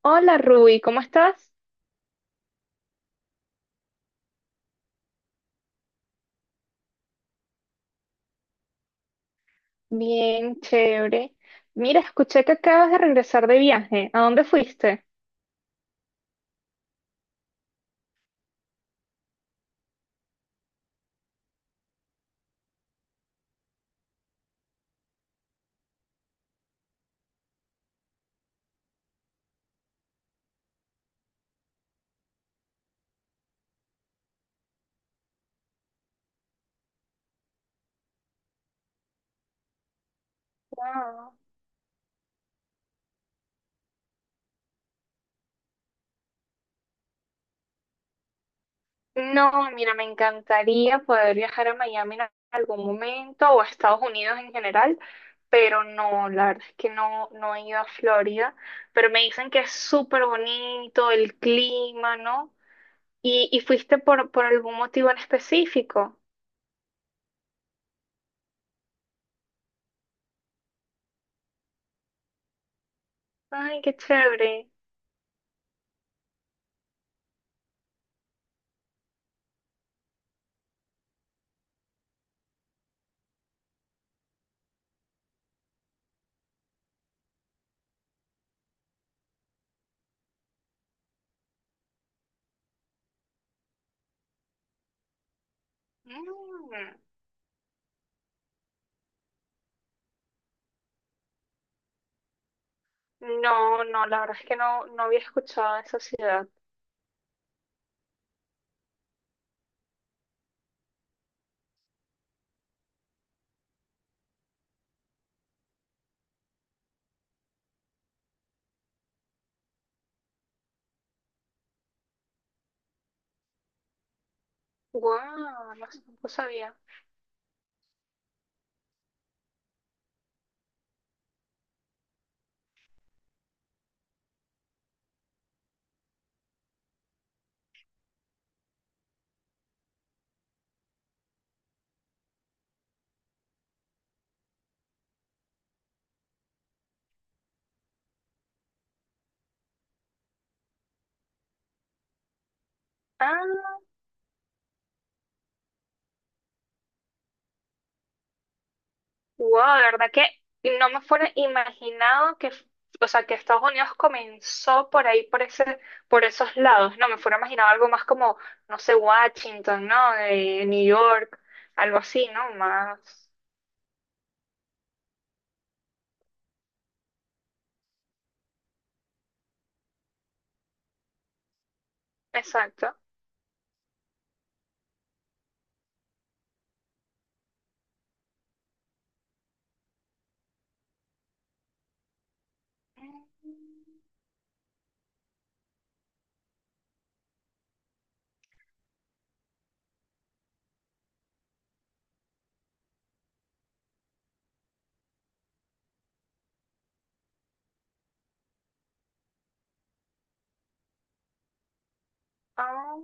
Hola Ruby, ¿cómo estás? Bien, chévere. Mira, escuché que acabas de regresar de viaje. ¿A dónde fuiste? Wow. No, mira, me encantaría poder viajar a Miami en algún momento o a Estados Unidos en general, pero no, la verdad es que no he ido a Florida, pero me dicen que es súper bonito el clima, ¿no? ¿Y, fuiste por algún motivo en específico? Ay, qué chévere. Mm. No, la verdad es que no había escuchado de esa ciudad. Wow, no sabía. Ah, wow, de verdad que no me fuera imaginado o sea, que Estados Unidos comenzó por ahí, por esos lados. No me fuera imaginado algo más como, no sé, Washington, ¿no? De New York, algo así, ¿no? Más. Exacto. Mm, ah,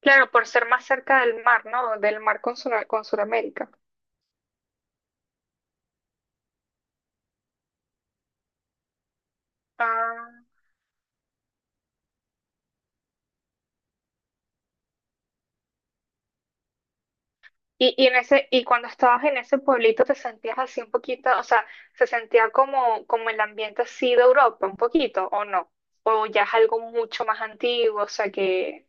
claro, por ser más cerca del mar, ¿no? Del mar con, Sura- con Sudamérica. Ah. Y cuando estabas en ese pueblito te sentías así un poquito, o sea, se sentía como, como el ambiente así de Europa, un poquito, ¿o no? O ya es algo mucho más antiguo, o sea que,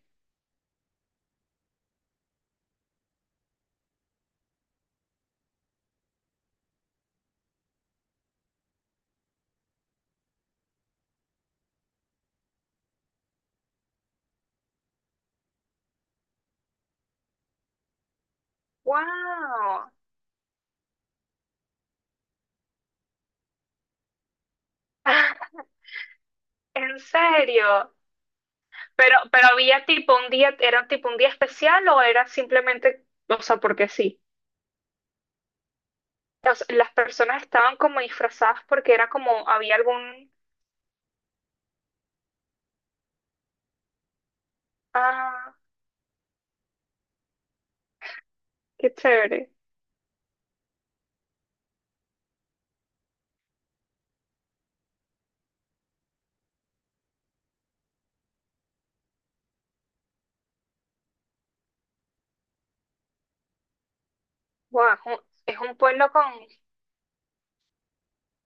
wow, en serio. Pero había tipo un día, era tipo un día especial o era simplemente, o sea, porque sí. O sea, las personas estaban como disfrazadas porque era como, había algún, ah, qué chévere. Wow, es un pueblo con,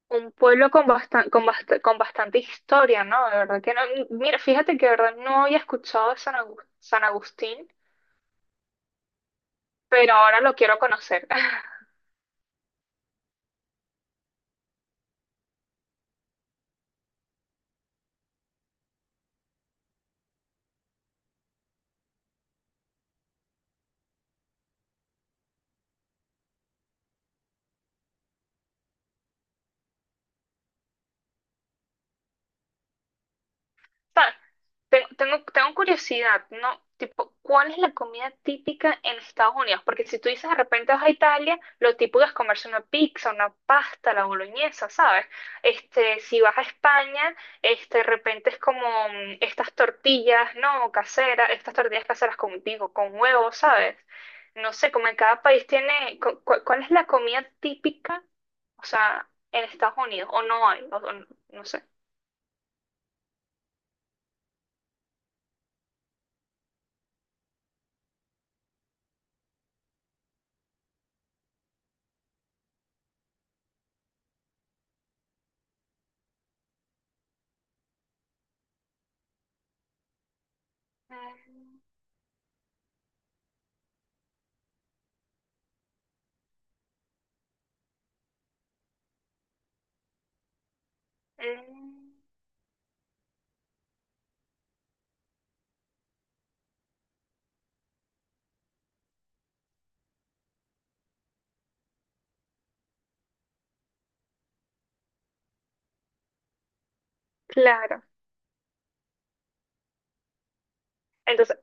un pueblo con, con bastante historia, ¿no? De verdad que no. Mira, fíjate que de verdad no había escuchado de San Agustín, pero ahora lo quiero conocer. Pa, tengo curiosidad, ¿no? Tipo, ¿cuál es la comida típica en Estados Unidos? Porque si tú dices de repente vas a Italia, lo típico es comerse una pizza, una pasta, la boloñesa, ¿sabes? Este, si vas a España, este, de repente es como estas tortillas, ¿no? Caseras, estas tortillas caseras con, digo, con huevos, ¿sabes? No sé, como en cada país tiene, ¿cuál es la comida típica, o sea, en Estados Unidos? ¿O no hay? O no no sé. Mm, mm. Claro. Entonces,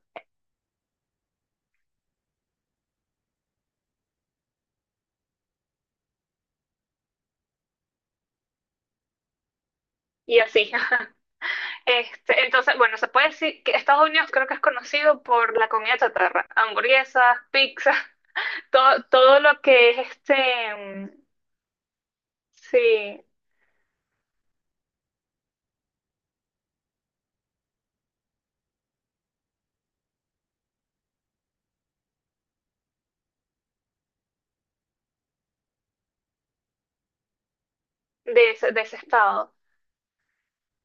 y así. Este, entonces, bueno, se puede decir que Estados Unidos creo que es conocido por la comida chatarra, hamburguesas, pizzas, todo, todo lo que es este, mm, sí, de ese estado.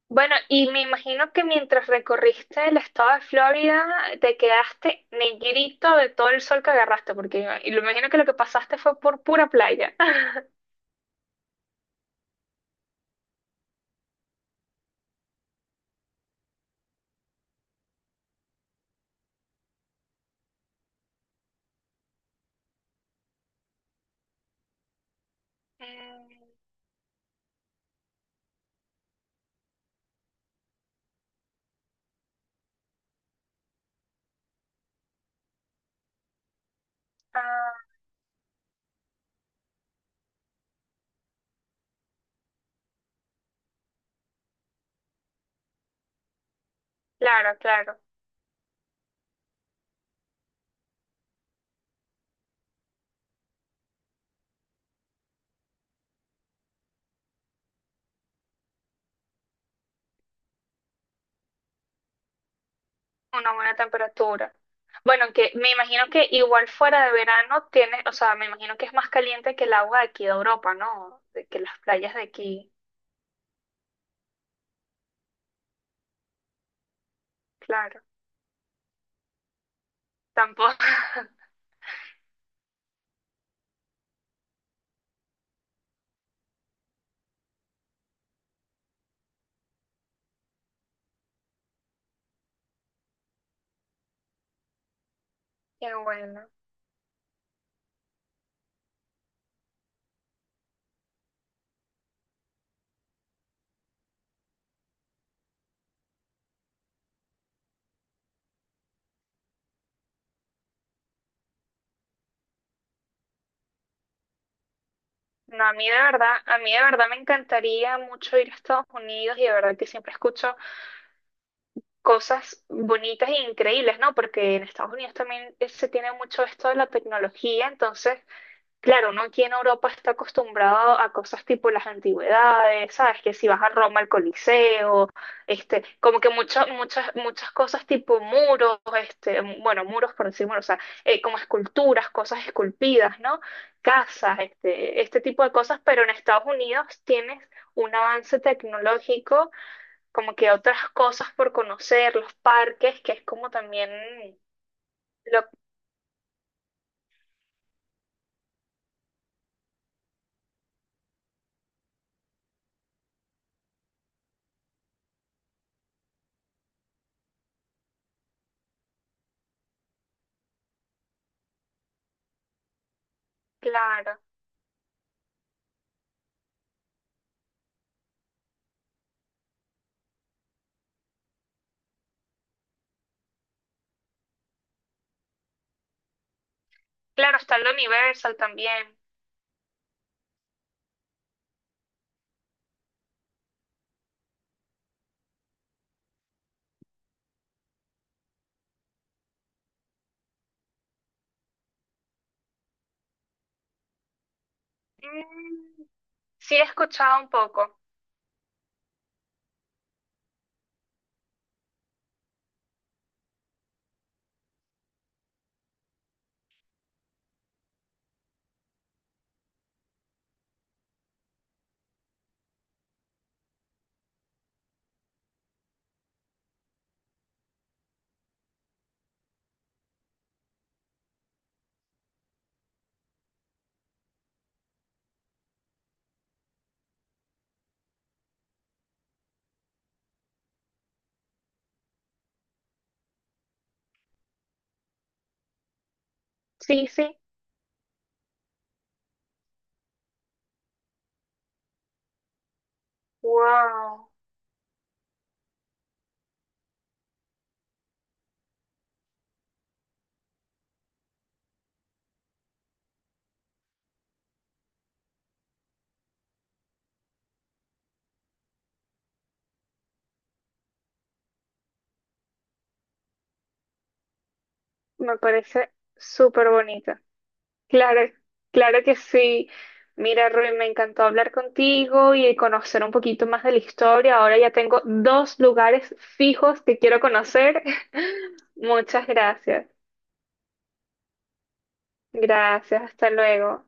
Bueno, y me imagino que mientras recorriste el estado de Florida, te quedaste negrito de todo el sol que agarraste, porque y lo imagino que lo que pasaste fue por pura playa. Mm, ah, claro, claro. Una buena temperatura. Bueno, que me imagino que igual fuera de verano tiene, o sea, me imagino que es más caliente que el agua de aquí de Europa, ¿no? De que las playas de aquí, claro. Tampoco. Qué bueno. No, a mí de verdad, a mí de verdad me encantaría mucho ir a Estados Unidos y de verdad que siempre escucho cosas bonitas e increíbles, ¿no? Porque en Estados Unidos también se tiene mucho esto de la tecnología, entonces claro, uno aquí en Europa está acostumbrado a cosas tipo las antigüedades, ¿sabes? Que si vas a Roma al Coliseo, este, como que muchas, muchas, muchas cosas tipo muros, este, bueno, muros por decir muros, o sea, como esculturas, cosas esculpidas, ¿no? Casas, este tipo de cosas, pero en Estados Unidos tienes un avance tecnológico, como que otras cosas por conocer, los parques, que es como también lo, claro, claro, está el Universal también. Mm, sí he escuchado un poco. Sí, sí. Wow, me parece súper bonita. Claro, claro que sí. Mira, Rui, me encantó hablar contigo y conocer un poquito más de la historia. Ahora ya tengo dos lugares fijos que quiero conocer. Muchas gracias. Gracias, hasta luego.